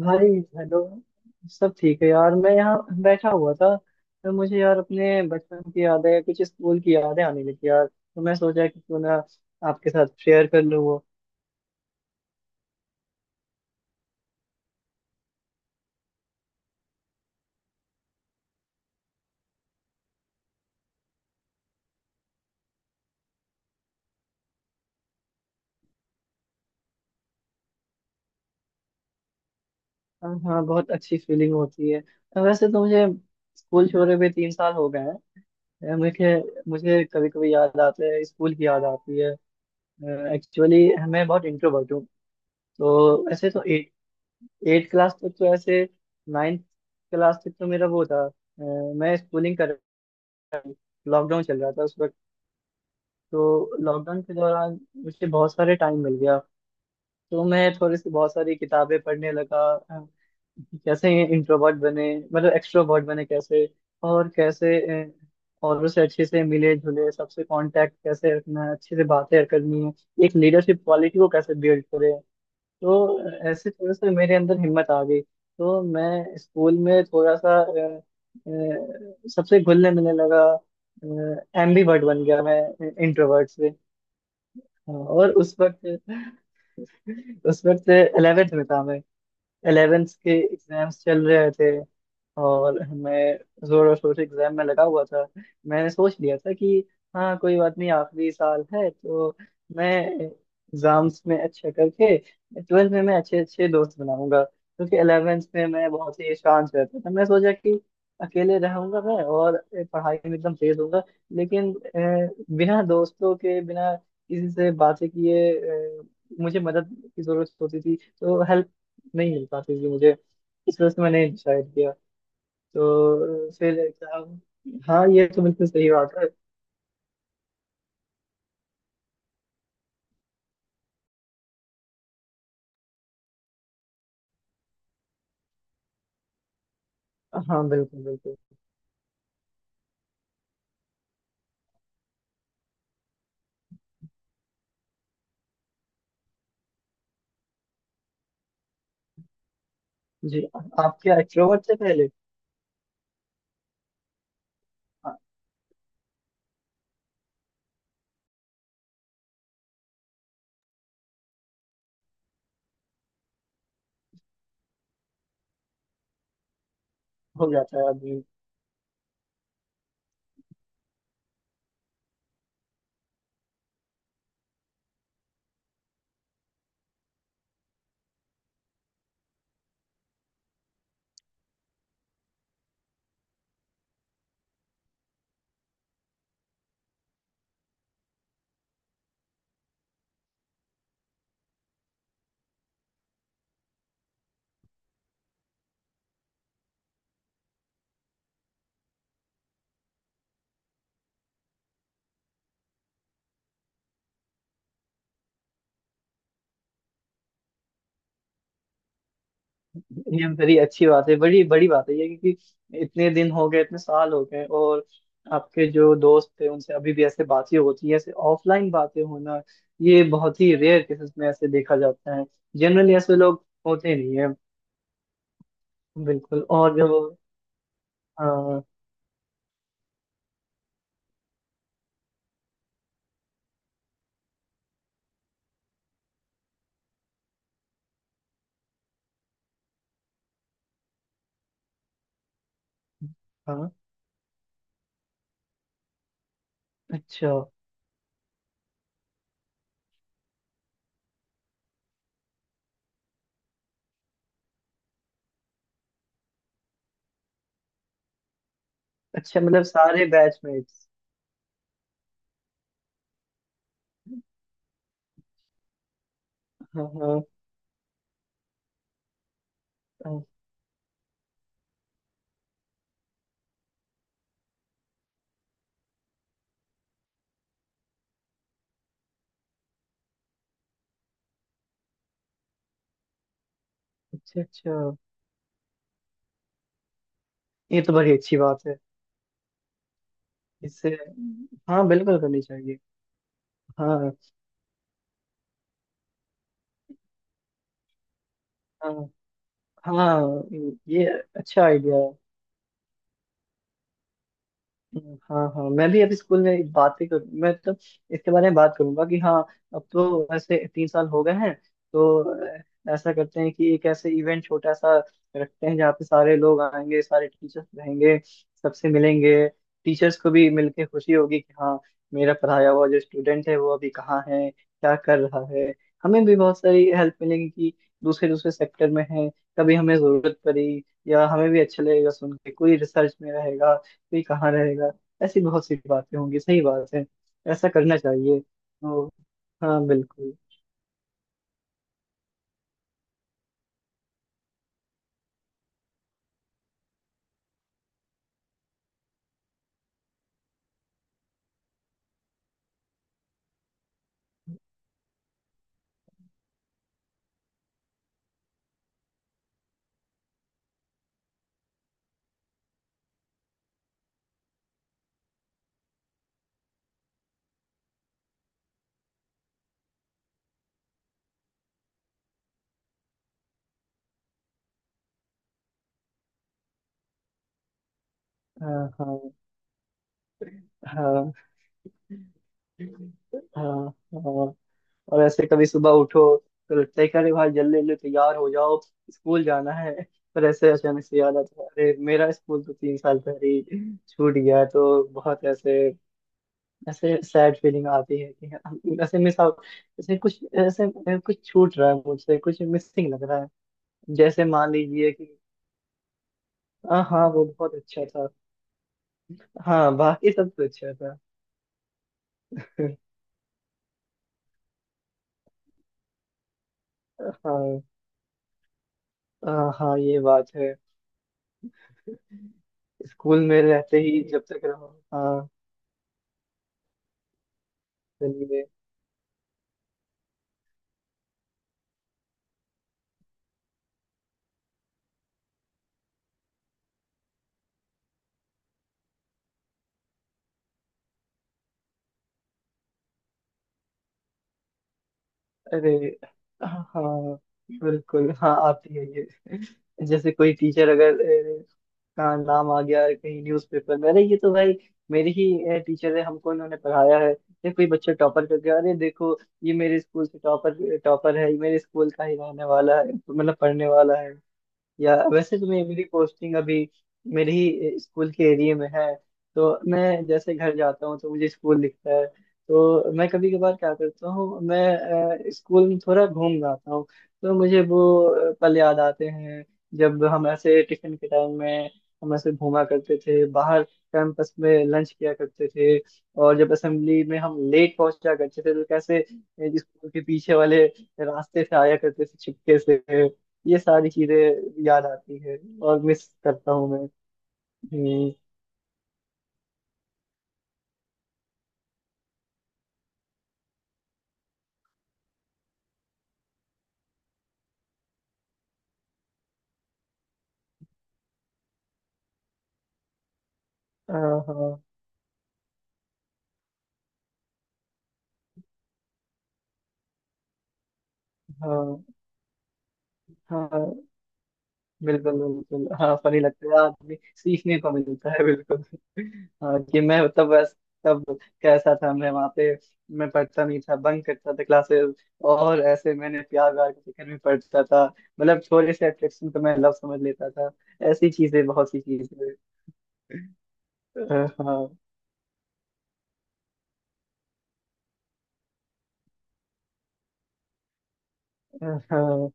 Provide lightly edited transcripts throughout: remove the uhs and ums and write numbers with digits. भाई। हेलो। सब ठीक है यार। मैं यहाँ बैठा हुआ था तो मुझे यार अपने बचपन की यादें कुछ स्कूल की यादें आने लगी यार, तो मैं सोचा कि क्यों ना आपके साथ शेयर कर लूँ वो। हाँ हाँ, बहुत अच्छी फीलिंग होती है। हाँ, वैसे तो मुझे स्कूल छोड़े हुए 3 साल हो गए हैं। मुझे मुझे कभी कभी याद आते हैं, स्कूल की याद आती है। एक्चुअली मैं बहुत इंट्रोवर्ट हूँ। तो वैसे तो एट एट क्लास तक तो ऐसे, नाइन्थ क्लास तक तो मेरा वो था मैं स्कूलिंग कर, लॉकडाउन चल रहा था उस वक्त। तो लॉकडाउन के दौरान मुझे बहुत सारे टाइम मिल गया, तो मैं थोड़ी सी बहुत सारी किताबें पढ़ने लगा। अ, कैसे इंट्रोवर्ट बने, मतलब एक्सट्रोवर्ट बने कैसे, और कैसे अ, औरों से अच्छे से मिले जुले, सबसे कांटेक्ट कैसे रखना है, अच्छे से बातें करनी है, एक लीडरशिप क्वालिटी को कैसे बिल्ड करें। तो ऐसे थोड़ा सा मेरे अंदर हिम्मत आ गई। तो मैं स्कूल में थोड़ा सा सबसे घुलने मिलने लगा। एम्बीवर्ट बन गया मैं, इंट्रोवर्ट से। हाँ, और उस वक्त 11th में था मैं। 11th के एग्जाम्स चल रहे थे और मैं जोर और शोर से एग्जाम में लगा हुआ था। मैंने सोच लिया था कि हाँ, कोई बात नहीं, आखिरी साल है, तो मैं एग्जाम्स में अच्छा करके ट्वेल्थ में मैं अच्छे अच्छे दोस्त बनाऊंगा, क्योंकि इलेवेंथ में मैं बहुत ही शांत रहता था। मैं सोचा कि अकेले रहूंगा मैं और पढ़ाई में एकदम तेज होऊंगा, लेकिन बिना दोस्तों के, बिना किसी से बातें किए, अ, मुझे मदद की जरूरत होती थी तो हेल्प नहीं मिल पाती थी मुझे। इस वजह से मैंने डिसाइड किया। तो फिर एग्जाम, हाँ ये तो बिल्कुल सही बात है। हाँ, बिल्कुल बिल्कुल। जी। आप क्या एक्सट्रोवर्ट थे पहले? हाँ, हो जाता है आदमी। ये बड़ी अच्छी बात है, बड़ी बड़ी बात है ये, क्योंकि इतने दिन हो गए, इतने साल हो गए, और आपके जो दोस्त थे उनसे अभी भी ऐसे बातें होती हैं, ऐसे ऑफलाइन बातें होना, ये बहुत ही रेयर केसेस में ऐसे देखा जाता है। जनरली ऐसे लोग होते नहीं है। बिल्कुल। और जो, हाँ। हाँ, अच्छा। अच्छा मतलब सारे बैचमेट्स। हाँ हाँ हाँ। अच्छा अच्छा, ये तो बड़ी अच्छी बात है। इससे, हाँ बिल्कुल करनी चाहिए। हाँ हाँ हाँ, ये अच्छा आइडिया है। हाँ हाँ, मैं भी अभी स्कूल में बातें कर, मैं तो इसके बारे में बात करूंगा कि हाँ, अब तो ऐसे 3 साल हो गए हैं, तो ऐसा करते हैं कि एक ऐसे इवेंट छोटा सा रखते हैं जहाँ पे सारे लोग आएंगे, सारे टीचर्स रहेंगे, सबसे मिलेंगे। टीचर्स को भी मिलके खुशी होगी कि हाँ, मेरा पढ़ाया हुआ जो स्टूडेंट है वो अभी कहाँ है, क्या कर रहा है। हमें भी बहुत सारी हेल्प मिलेगी कि दूसरे दूसरे सेक्टर में है, कभी हमें जरूरत पड़ी, या हमें भी अच्छा लगेगा सुन के कोई रिसर्च में रहेगा, कोई कहाँ रहेगा। ऐसी बहुत सी बातें होंगी, सही बात है। ऐसा करना चाहिए। ओ, हाँ बिल्कुल। हाँ हाँ। हाँ हाँ हाँ। और ऐसे कभी सुबह उठो तो लगता है कि अरे भाई जल्दी जल्दी तैयार हो जाओ, स्कूल जाना है। पर ऐसे अचानक से याद आता है, अरे मेरा स्कूल तो 3 साल पहले ही छूट गया। तो बहुत ऐसे, ऐसे सैड फीलिंग आती है कि ऐसे मिस आउट, ऐसे कुछ, ऐसे कुछ छूट रहा है मुझसे, कुछ मिसिंग लग रहा है। जैसे मान लीजिए कि, हाँ हाँ, वो बहुत अच्छा था। हाँ, बाकी सब तो अच्छा था। हाँ। हाँ हाँ, ये बात है। स्कूल में रहते ही जब तक रहो। हाँ। गली में, अरे हाँ, बिल्कुल हाँ, आती है ये। जैसे कोई टीचर अगर अ, का नाम आ गया कहीं न्यूज़पेपर में, अरे ये तो भाई मेरी ही टीचर है, हमको इन्होंने पढ़ाया है। या कोई बच्चा टॉपर कर गया, अरे देखो, ये मेरे स्कूल से टॉपर, टॉपर है ये मेरे स्कूल का ही रहने वाला है, मतलब पढ़ने वाला है। या वैसे तो मेरी मेरी पोस्टिंग अभी मेरे ही स्कूल के एरिया में है, तो मैं जैसे घर जाता हूँ तो मुझे स्कूल दिखता है। तो मैं कभी कभार क्या करता हूँ, मैं स्कूल में थोड़ा घूम जाता हूँ, तो मुझे वो पल याद आते हैं, जब हम ऐसे टिफिन के टाइम में हम ऐसे घूमा करते थे, बाहर कैंपस में लंच किया करते थे, और जब असेंबली में हम लेट पहुंचा करते थे तो कैसे स्कूल के पीछे वाले रास्ते से आया करते थे छिपके से। ये सारी चीजें याद आती है और मिस करता हूँ मैं। हम्म, हाँ हाँ हाँ। हाँ बिल्कुल बिल्कुल, हाँ फनी लगता है, आदमी सीखने को मिलता है, बिल्कुल। हाँ, कि मैं तब बस, तब कैसा था मैं वहाँ पे। मैं पढ़ता नहीं था, बंक करता था क्लासेस, और ऐसे मैंने प्यार व्यार के चक्कर में पढ़ता था। मतलब छोटे से अट्रैक्शन को मैं लव समझ लेता था। ऐसी चीजें, बहुत सी चीजें। हाँ। हाँ,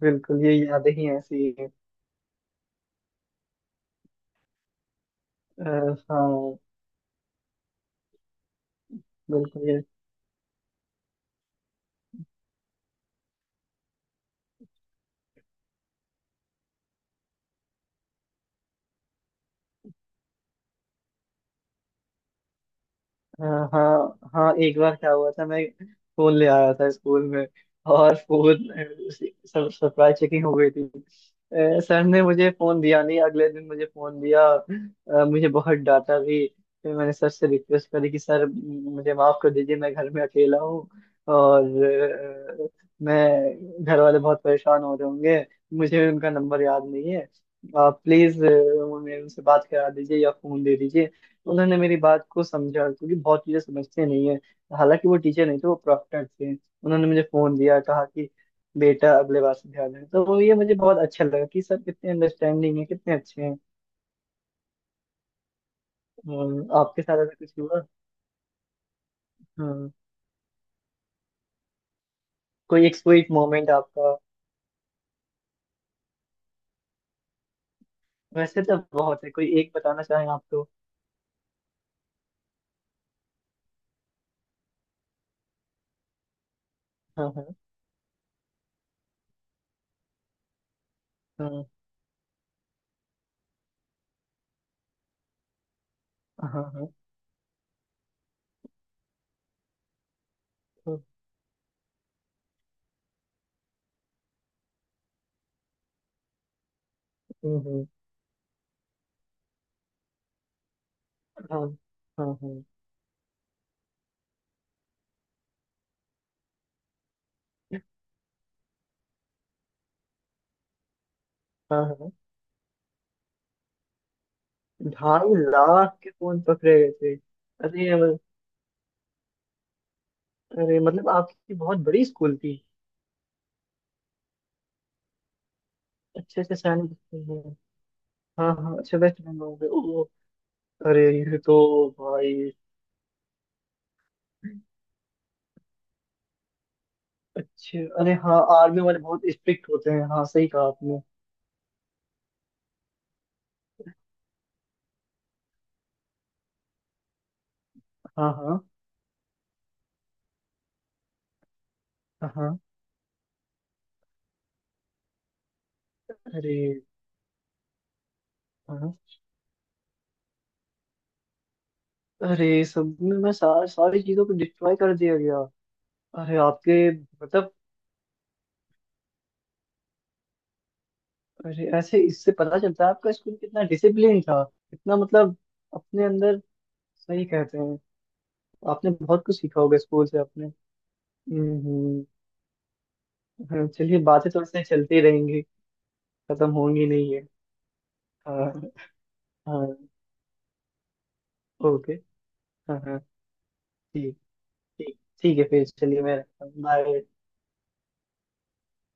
बिल्कुल ये यादें ही ऐसी हैं। अ, हाँ बिल्कुल ये। हाँ हाँ हाँ, एक बार क्या हुआ था, मैं फोन ले आया था स्कूल में, और फोन सब सरप्राइज चेकिंग हो गई थी। सर ने मुझे फोन दिया नहीं, अगले दिन मुझे फोन दिया, मुझे बहुत डांटा भी। फिर मैंने सर से रिक्वेस्ट करी कि सर मुझे माफ कर दीजिए, मैं घर में अकेला हूँ, और अ, मैं घर वाले बहुत परेशान हो रहे होंगे, मुझे उनका नंबर याद नहीं है, आप प्लीज उनसे बात करा दीजिए या फोन दे दीजिए। उन्होंने मेरी बात को समझा, क्योंकि बहुत चीजें समझते नहीं है। हालांकि वो टीचर नहीं थे, वो प्रॉक्टर थे। उन्होंने मुझे फोन दिया, कहा कि बेटा अगले बार से ध्यान रहे। तो ये मुझे बहुत अच्छा लगा कि सर कितने अंडरस्टैंडिंग है, कितने अच्छे हैं। आपके साथ ऐसा कुछ हुआ? हाँ, कोई एक कोई मोमेंट आपका? वैसे तो बहुत है, कोई एक बताना चाहें आप तो। हाँ हाँ हाँ हाँ हाँ हाँ। हम्म, हम्म, हाँ हाँ हाँ। हाँ, हाँ। 2.5 लाख के फोन पकड़े गए थे? अरे। अरे, मतलब आपकी बहुत बड़ी स्कूल थी। अच्छे से सैनिक दिखते हैं। हाँ हाँ, अच्छा वेस्ट बंगाल से। ओ, अरे, ये तो भाई। अच्छे, अरे हाँ, आर्मी वाले बहुत स्ट्रिक्ट होते हैं, हाँ सही कहा आपने। हाँ हाँ हाँ। हाँ। अरे, हाँ। अरे सब में, सारी चीजों को डिस्ट्रॉय कर दिया गया। अरे आपके मतलब, अरे ऐसे इससे पता चलता है आपका स्कूल कितना डिसिप्लिन था, कितना मतलब अपने अंदर। सही कहते हैं। आपने बहुत कुछ सीखा होगा स्कूल से अपने। हम्म हम्म। हाँ, चलिए बातें तो ऐसे चलती रहेंगी, खत्म होंगी नहीं ये। हाँ हाँ। ओके। हाँ हाँ। ठीक, ठीक ठीक है, फिर चलिए मैं बाय।